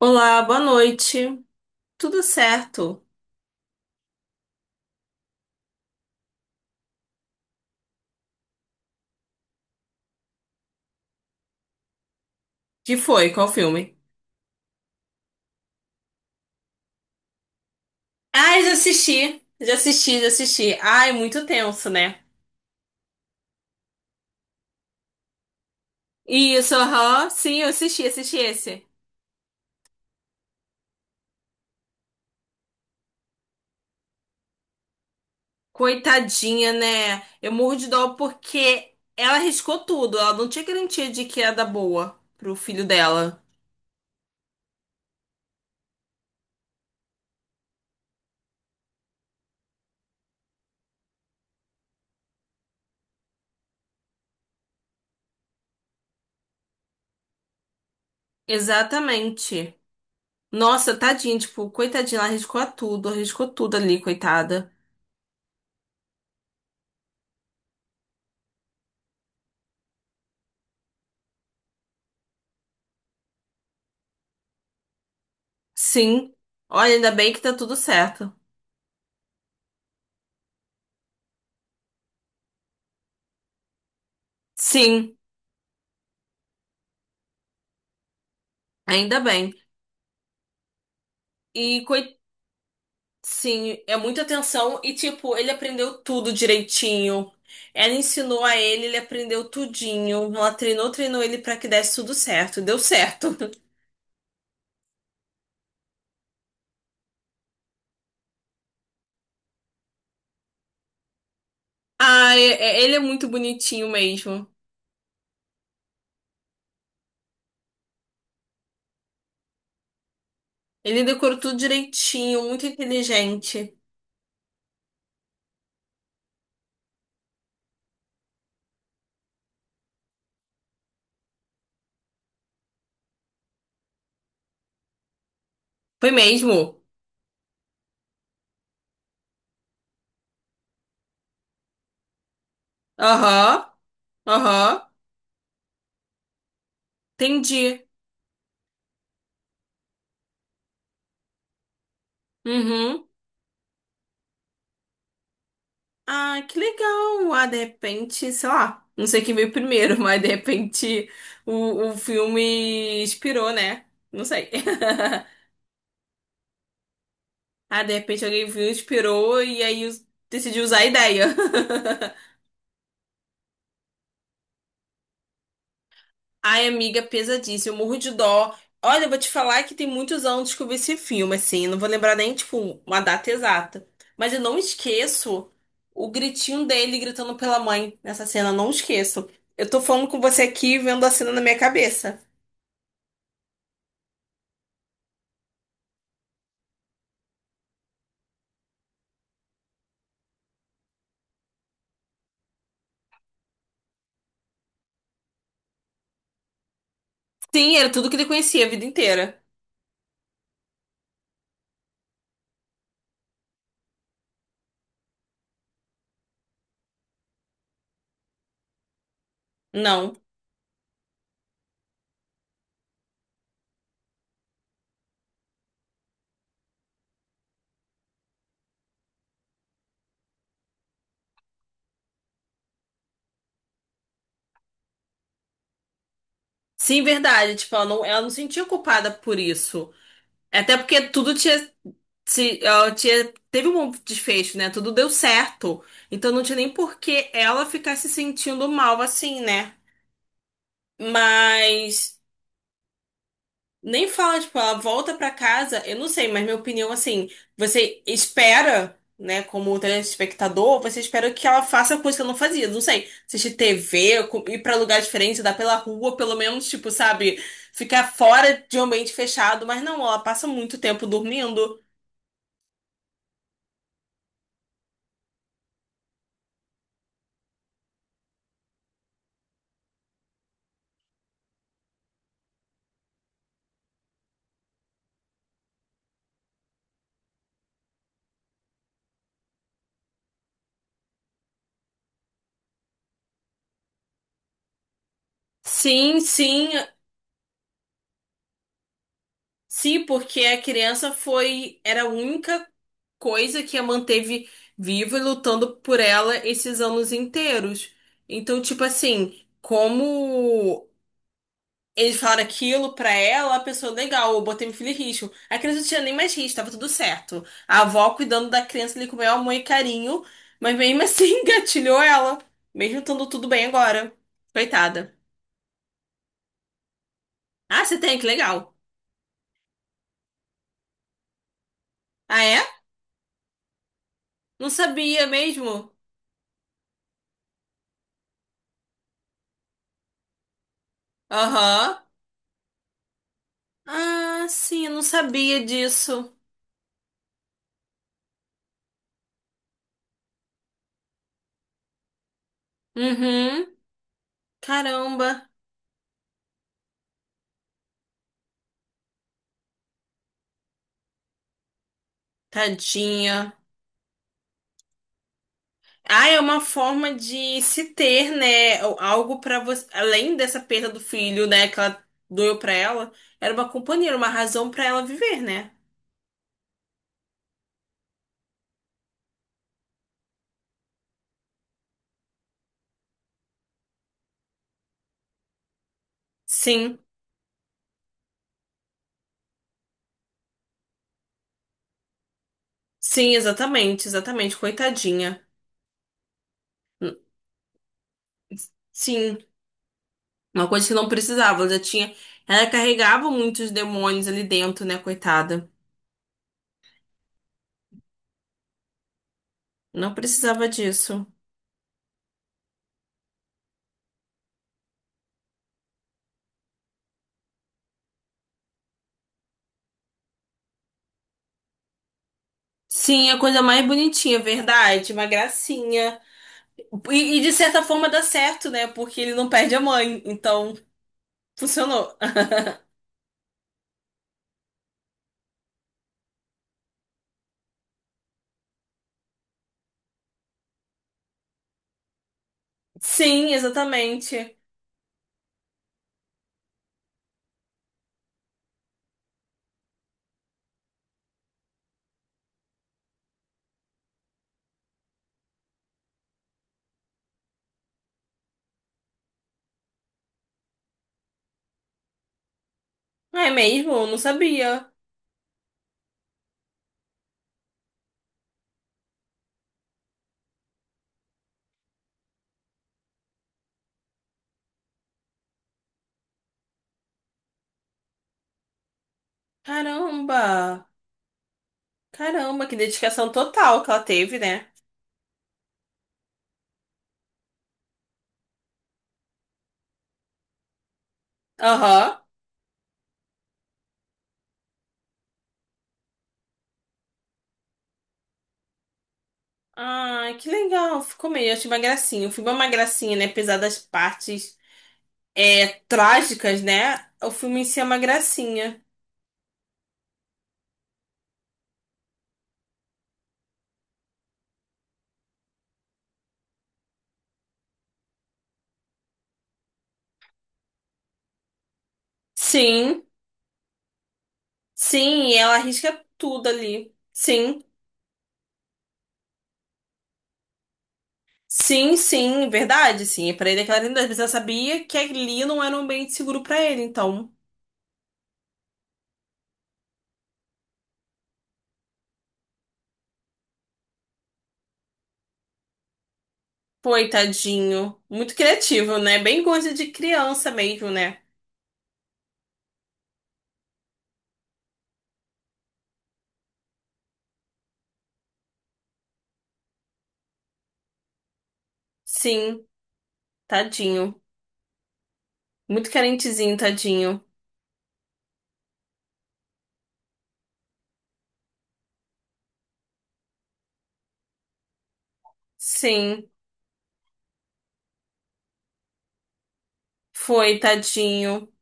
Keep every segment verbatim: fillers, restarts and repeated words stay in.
Olá, boa noite. Tudo certo? Que foi? Qual filme? Ai, já assisti. Já assisti, já assisti. Ai, muito tenso, né? Isso, aham. Sim, eu assisti, assisti esse. Coitadinha, né? Eu morro de dó porque ela arriscou tudo. Ela não tinha garantia de que ia dar boa pro filho dela. Exatamente. Nossa, tadinha, tipo, coitadinha, ela arriscou a tudo, arriscou tudo ali, coitada. Sim. Olha, ainda bem que tá tudo certo. Sim, ainda bem. E, coi- sim, é muita atenção. E, tipo, ele aprendeu tudo direitinho. Ela ensinou a ele, ele aprendeu tudinho. Ela treinou, treinou ele pra que desse tudo certo. Deu certo. Ah, é- é- ele é muito bonitinho mesmo. Ele decorou tudo direitinho, muito inteligente. Foi mesmo? Aham, aham. Entendi. Uhum. Ah, que legal! Ah, de repente, sei lá, não sei quem veio primeiro, mas de repente o, o filme inspirou, né? Não sei. Ah, de repente alguém viu, inspirou e aí us- decidiu usar a ideia. Ai, amiga, pesadíssimo, morro de dó. Olha, eu vou te falar que tem muitos anos que eu vi esse filme, assim, não vou lembrar nem, tipo, uma data exata. Mas eu não esqueço o gritinho dele gritando pela mãe nessa cena, não esqueço. Eu tô falando com você aqui, vendo a cena na minha cabeça. Sim, era tudo que ele conhecia a vida inteira. Não. Sim, verdade. Tipo, ela não, ela não se sentia culpada por isso. Até porque tudo tinha, se, ela tinha, teve um bom desfecho, né? Tudo deu certo. Então não tinha nem por que ela ficar se sentindo mal assim, né? Mas nem fala, tipo, ela volta pra casa, eu não sei, mas minha opinião, assim, você espera, né, como telespectador, você espera que ela faça coisa que ela não fazia, não sei, assistir T V, co- ir pra lugar diferente, andar pela rua, pelo menos, tipo, sabe, ficar fora de um ambiente fechado, mas não, ela passa muito tempo dormindo. Sim, sim, sim, porque a criança foi, era a única coisa que a manteve viva e lutando por ela esses anos inteiros. Então, tipo assim, como eles falaram aquilo pra ela, a pessoa, legal, eu botei meu filho em risco. A criança não tinha nem mais risco, tava tudo certo. A avó cuidando da criança ali com o maior amor e carinho, mas mesmo assim engatilhou ela, mesmo estando tudo bem agora. Coitada. Ah, você tem, que legal. Ah, é? Não sabia mesmo? Aham. Ah, sim, eu não sabia disso. Uhum. Caramba, tadinha. Ah, é uma forma de se ter, né? Algo pra você, além dessa perda do filho, né, que ela doeu pra ela, era uma companheira, uma razão pra ela viver, né? Sim. Sim, exatamente, exatamente, coitadinha. Sim, uma coisa que não precisava, ela já tinha, ela carregava muitos demônios ali dentro, né, coitada. Não precisava disso. Sim, a coisa mais bonitinha, verdade, uma gracinha. E, e, de certa forma dá certo, né? Porque ele não perde a mãe. Então, funcionou. Sim, exatamente. Ah, é mesmo? Eu não sabia. Caramba! Caramba, que dedicação total que ela teve, né? Aham. Ai, que legal. Ficou meio. Achei uma gracinha. O filme é uma gracinha, né? Apesar das partes é, trágicas, né? O filme em si é uma gracinha. Sim, sim. E ela arrisca tudo ali. Sim. Sim, sim, verdade, sim. Pra ele é clarinidade, mas ela sabia que ali não era um ambiente seguro pra ele, então. Coitadinho. Muito criativo, né? Bem coisa de criança mesmo, né? Sim, tadinho. Muito carentezinho, tadinho. Sim, foi, tadinho.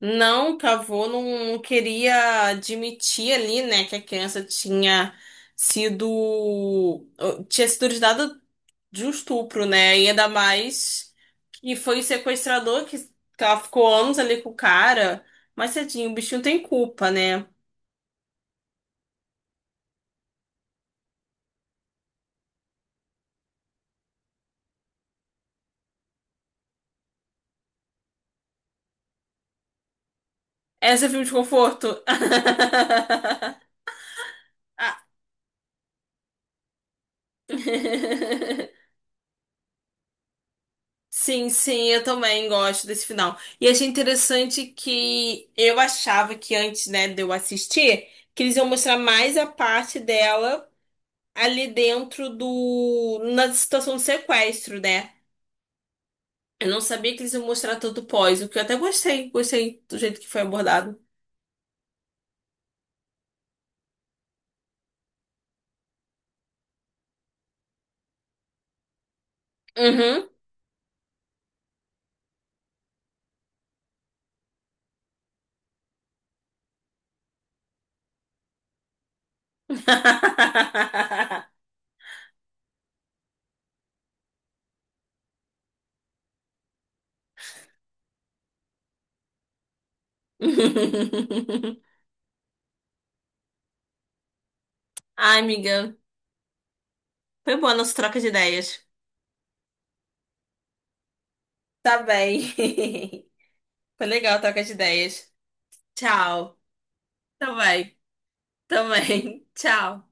Não, que a avó não, não queria admitir ali, né, que a criança tinha sido. tinha sido dada de um estupro, né? E ainda mais que foi o sequestrador que, que ela ficou anos ali com o cara. Mas tadinho, o bichinho tem culpa, né? Essa é filme de conforto. Ah. Sim, sim, eu também gosto desse final. E achei interessante que eu achava que antes, né, de eu assistir, que eles iam mostrar mais a parte dela ali dentro do… na situação do sequestro, né? Eu não sabia que eles iam mostrar todo o pós, o que eu até gostei. Gostei do jeito que foi abordado. Uhum. Ai, amiga. Foi boa a nossa troca de ideias. Tá bem. Foi legal a troca de ideias. Tchau. Tá bem. Também. Tchau.